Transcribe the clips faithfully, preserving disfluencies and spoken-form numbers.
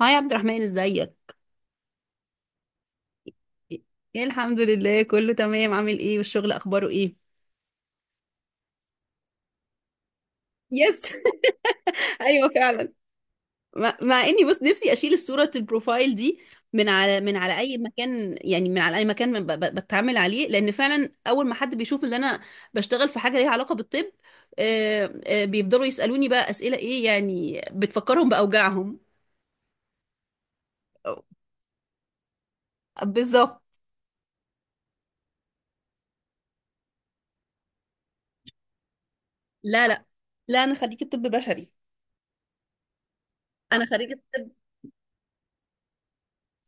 هاي عبد الرحمن، ازيك؟ ايه، الحمد لله كله تمام. عامل ايه؟ والشغل اخباره ايه؟ يس. ايوه، فعلا. مع مع اني بس، نفسي اشيل الصوره البروفايل دي من على من على اي مكان، يعني من على اي مكان ب- ب- بتعامل عليه، لان فعلا اول ما حد بيشوف ان انا بشتغل في حاجه ليها علاقه بالطب، آه، آه، بيفضلوا يسالوني بقى اسئله، ايه يعني بتفكرهم باوجاعهم. بالظبط. لا، لا، لا، انا خريجه طب بشري. انا خريجه طب.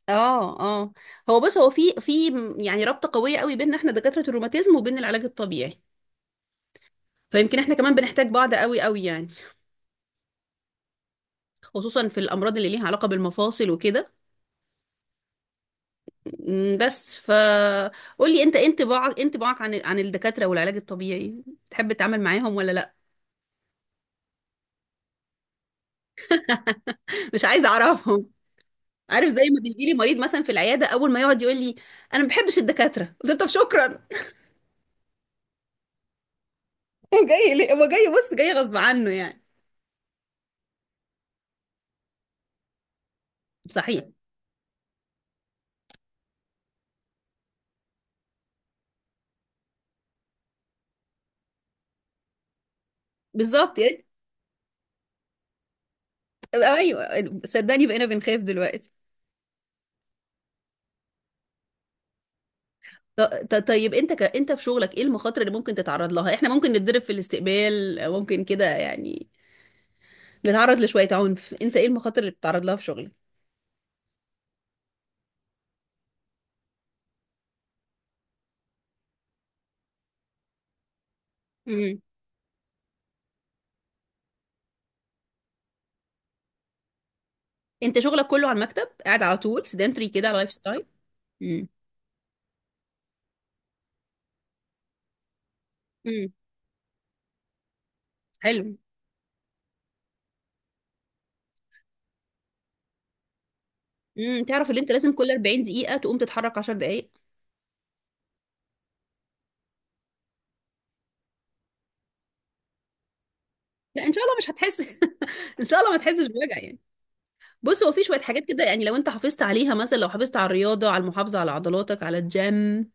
اه، اه. هو بص، هو في في م- يعني رابطة قوية قوي بيننا احنا دكاترة الروماتيزم وبين العلاج الطبيعي. فيمكن احنا كمان بنحتاج بعض قوي قوي يعني. خصوصا في الامراض اللي ليها علاقة بالمفاصل وكده. م، بس فقول لي، انت إيه انطباعك إيه انطباعك عن عن الدكاترة والعلاج الطبيعي؟ تحب تتعامل معاهم ولا لا؟ مش عايزة اعرفهم. عارف، زي ما بيجي لي مريض مثلا في العيادة، اول ما يقعد يقول لي: انا ما بحبش الدكاترة، قلت له طب شكرا. هو جاي ليه؟ هو جاي، بص، جاي غصب عنه يعني. صحيح. بالظبط، يا ريت. ايوه. صدقني، بقينا بنخاف دلوقتي. ط- ط- طيب، انت ك... انت في شغلك ايه المخاطر اللي ممكن تتعرض لها؟ احنا ممكن نتضرب في الاستقبال، أو ممكن كده يعني نتعرض لشوية عنف. انت ايه المخاطر اللي بتتعرض لها في شغلك؟ امم. انت شغلك كله على المكتب، قاعد على طول، سيدنتري كده، على لايف ستايل؟ امم. امم. حلو. امم تعرف ان انت لازم كل 40 دقيقة تقوم تتحرك 10 دقائق. لا، ان شاء الله مش هتحس، ان شاء الله ما تحسش بوجع يعني. بص، هو في شوية حاجات كده يعني، لو انت حافظت عليها، مثلا لو حافظت على الرياضة، على المحافظة على عضلاتك، على الجيم،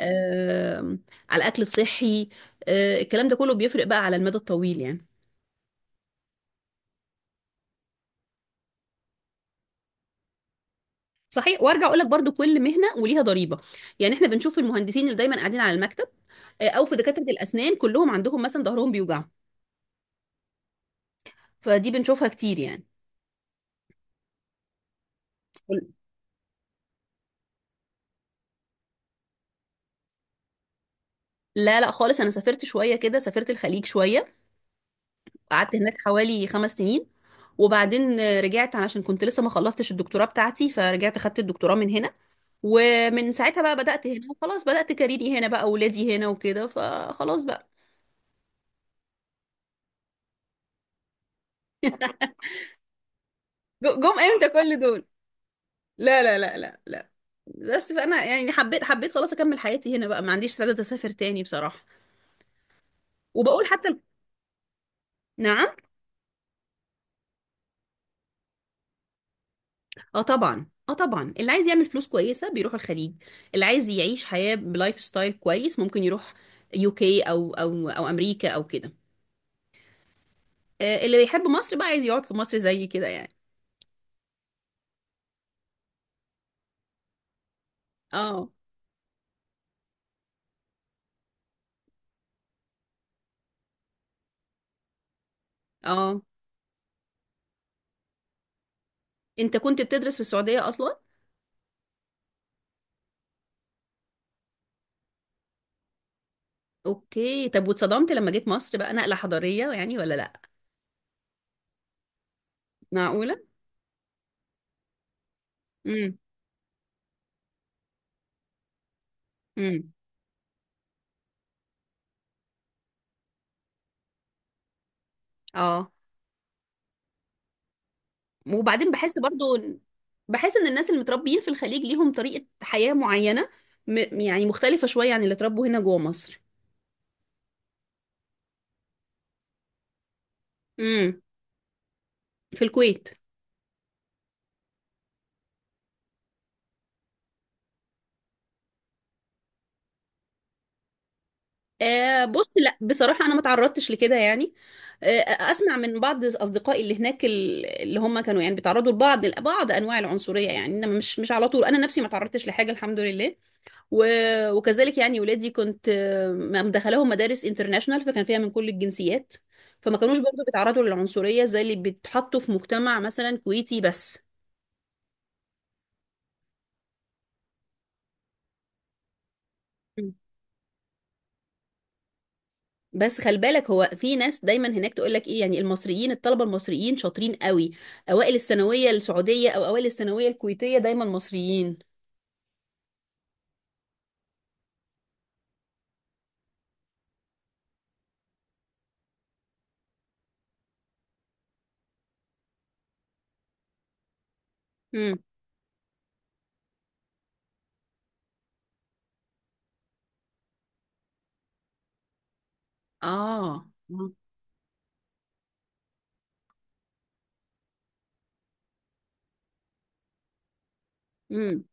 آه، على الاكل الصحي. آه، الكلام ده كله بيفرق بقى على المدى الطويل يعني. صحيح. وارجع اقول لك برضو: كل مهنه وليها ضريبه، يعني احنا بنشوف المهندسين اللي دايما قاعدين على المكتب، آه، او في دكاتره الاسنان كلهم عندهم مثلا ظهرهم بيوجعهم. فدي بنشوفها كتير يعني. لا، لا، خالص. انا سافرت شويه كده، سافرت الخليج شويه. قعدت هناك حوالي خمس سنين. وبعدين آه، رجعت علشان كنت لسه ما خلصتش الدكتوراه بتاعتي، فرجعت خدت الدكتوراه من هنا. ومن ساعتها بقى بدأت هنا، وخلاص بدأت كاريري هنا بقى، ولادي هنا وكده، فخلاص بقى. جو- جم امتى كل دول! لا، لا، لا، لا، لا. بس فأنا يعني حبيت، حبيت خلاص أكمل حياتي هنا بقى، ما عنديش سعادة أسافر تاني بصراحة. وبقول حتى ال-. نعم؟ اه طبعا، اه طبعا، اللي عايز يعمل فلوس كويسة بيروح الخليج. اللي عايز يعيش حياة بلايف ستايل كويس ممكن يروح يو كي، أو أو أو أمريكا أو كده. آه، اللي بيحب مصر بقى عايز يقعد في مصر زي كده يعني. اه، اه، انت كنت بتدرس في السعودية أصلا؟ اوكي، طب واتصدمت لما جيت مصر بقى؟ نقلة حضارية يعني ولا لا؟ معقولة؟ امم، امم، اه. وبعدين بحس برضو إن-. بحس ان الناس اللي متربيين في الخليج ليهم طريقة حياة معينة، م... يعني مختلفة شوية عن اللي اتربوا هنا جوه مصر. امم. في الكويت. آه بص، لا بصراحة أنا ما تعرضتش لكده يعني. آه. أسمع من بعض أصدقائي اللي هناك، ال- اللي هم كانوا يعني بيتعرضوا لبعض بعض أنواع العنصرية يعني، إنما مش مش على طول، أنا نفسي ما تعرضتش لحاجة الحمد لله. و- وكذلك يعني ولادي، كنت آه، مدخلاهم مدارس انترناشونال، فكان فيها من كل الجنسيات. فما كانوش برضو بيتعرضوا للعنصرية زي اللي بيتحطوا في مجتمع مثلا كويتي بس. مم. بس خلي بالك، هو في ناس دايما هناك تقول لك ايه يعني: المصريين، الطلبه المصريين شاطرين قوي، اوائل الثانويه السعوديه او اوائل الثانويه الكويتيه دايما مصريين. مم. اه، مم. امم،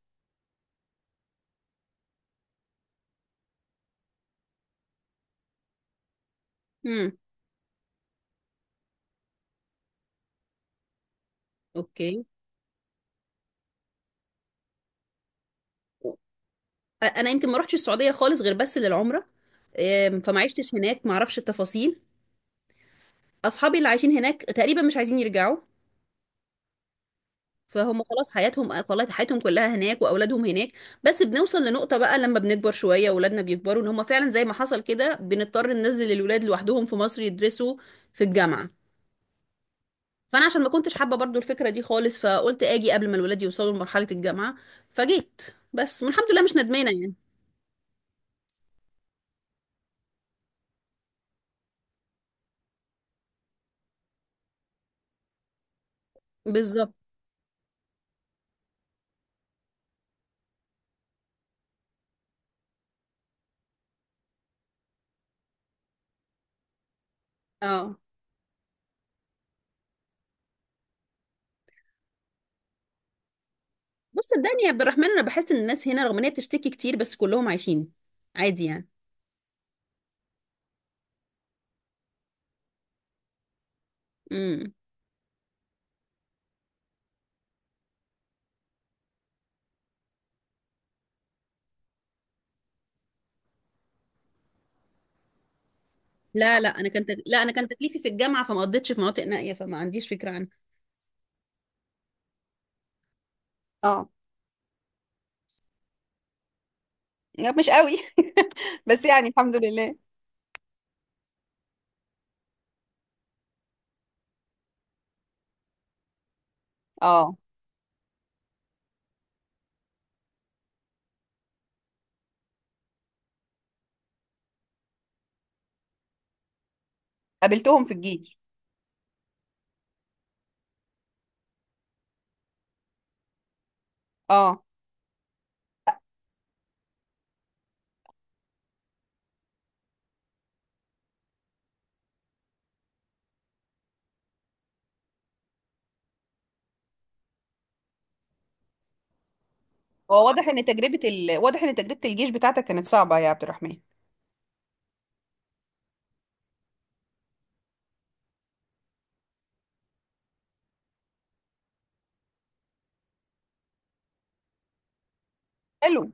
مم. اوكي. انا يمكن ما رحتش السعوديه خالص غير بس للعمره. آم، فما عشتش هناك، ما اعرفش التفاصيل. اصحابي اللي عايشين هناك تقريبا مش عايزين يرجعوا. فهم خلاص، حياتهم خلاص، حياتهم كلها هناك، واولادهم هناك. بس بنوصل لنقطة بقى لما بنكبر شوية، اولادنا بيكبروا، ان هم فعلا زي ما حصل كده بنضطر ننزل الولاد لوحدهم في مصر يدرسوا في الجامعة. فانا عشان ما كنتش حابة برضو الفكرة دي خالص، فقلت اجي قبل ما الولاد يوصلوا لمرحلة الجامعة، فجيت. بس الحمد لله مش ندمانة يعني. بالظبط. اه. بص، صدقني يا عبد الرحمن، انا بحس ان الناس هنا رغم ان هي بتشتكي كتير، بس كلهم عايشين عادي يعني. لا، لا، انا كان تك... لا انا كان تكليفي في الجامعه، فما قضيتش في مناطق نائيه، فما عنديش فكره عنها. اه. لا، مش قوي. بس يعني الحمد لله. اه، قابلتهم في الجيش. اه، هو واضح ان تجربة ال... واضح ان تجربة الجيش بتاعتك كانت صعبة يا عبد الرحمن. حلو.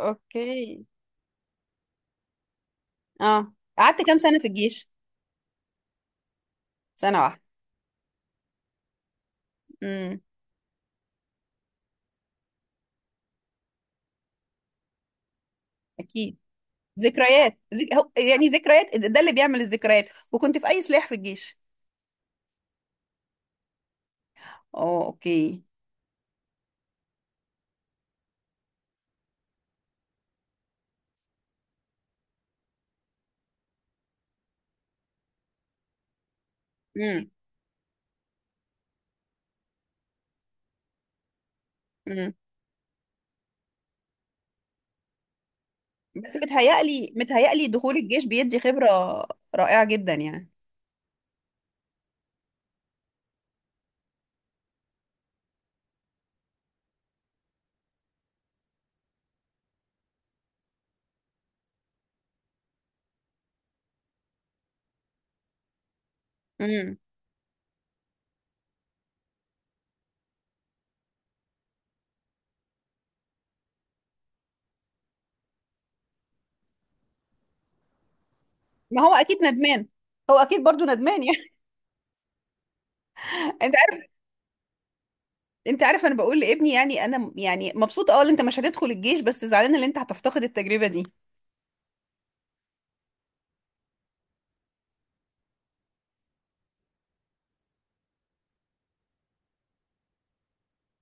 اوكي، اه، قعدت كام سنة في الجيش؟ سنة واحدة؟ امم. اكيد. ذكريات ذك... هو- يعني ذكريات، ده اللي بيعمل الذكريات. وكنت في اي سلاح في الجيش؟ اه، اوكي. امم. بس متهيألي متهيألي دخول الجيش بيدي خبرة رائعة جدا يعني. امم. ما هو اكيد ندمان. هو اكيد برضو ندمان يعني. انت عارف. انت عارف انا بقول لابني يعني، انا م- يعني مبسوطة اه ان انت مش هتدخل الجيش، بس زعلانة ان انت هتفتقد التجربة دي.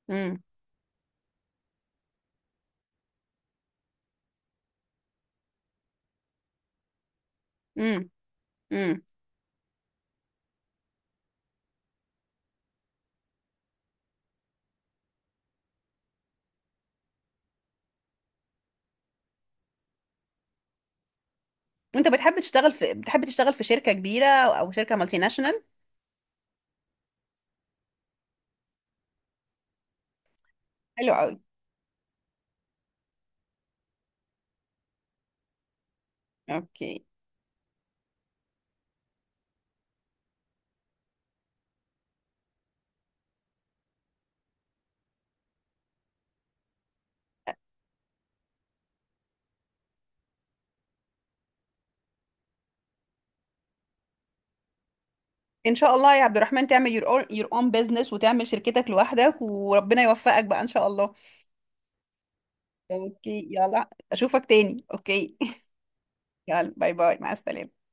امم، امم، امم. وانت بتحب تشتغل في بتحب تشتغل في شركة كبيرة او شركة مالتي ناشونال؟ حلو قوي. اوكي. ان شاء الله يا عبد الرحمن تعمل your own, your own business، وتعمل شركتك لوحدك، وربنا يوفقك بقى ان شاء الله. اوكي، يلا اشوفك تاني. اوكي. يلا، باي باي، مع السلامة.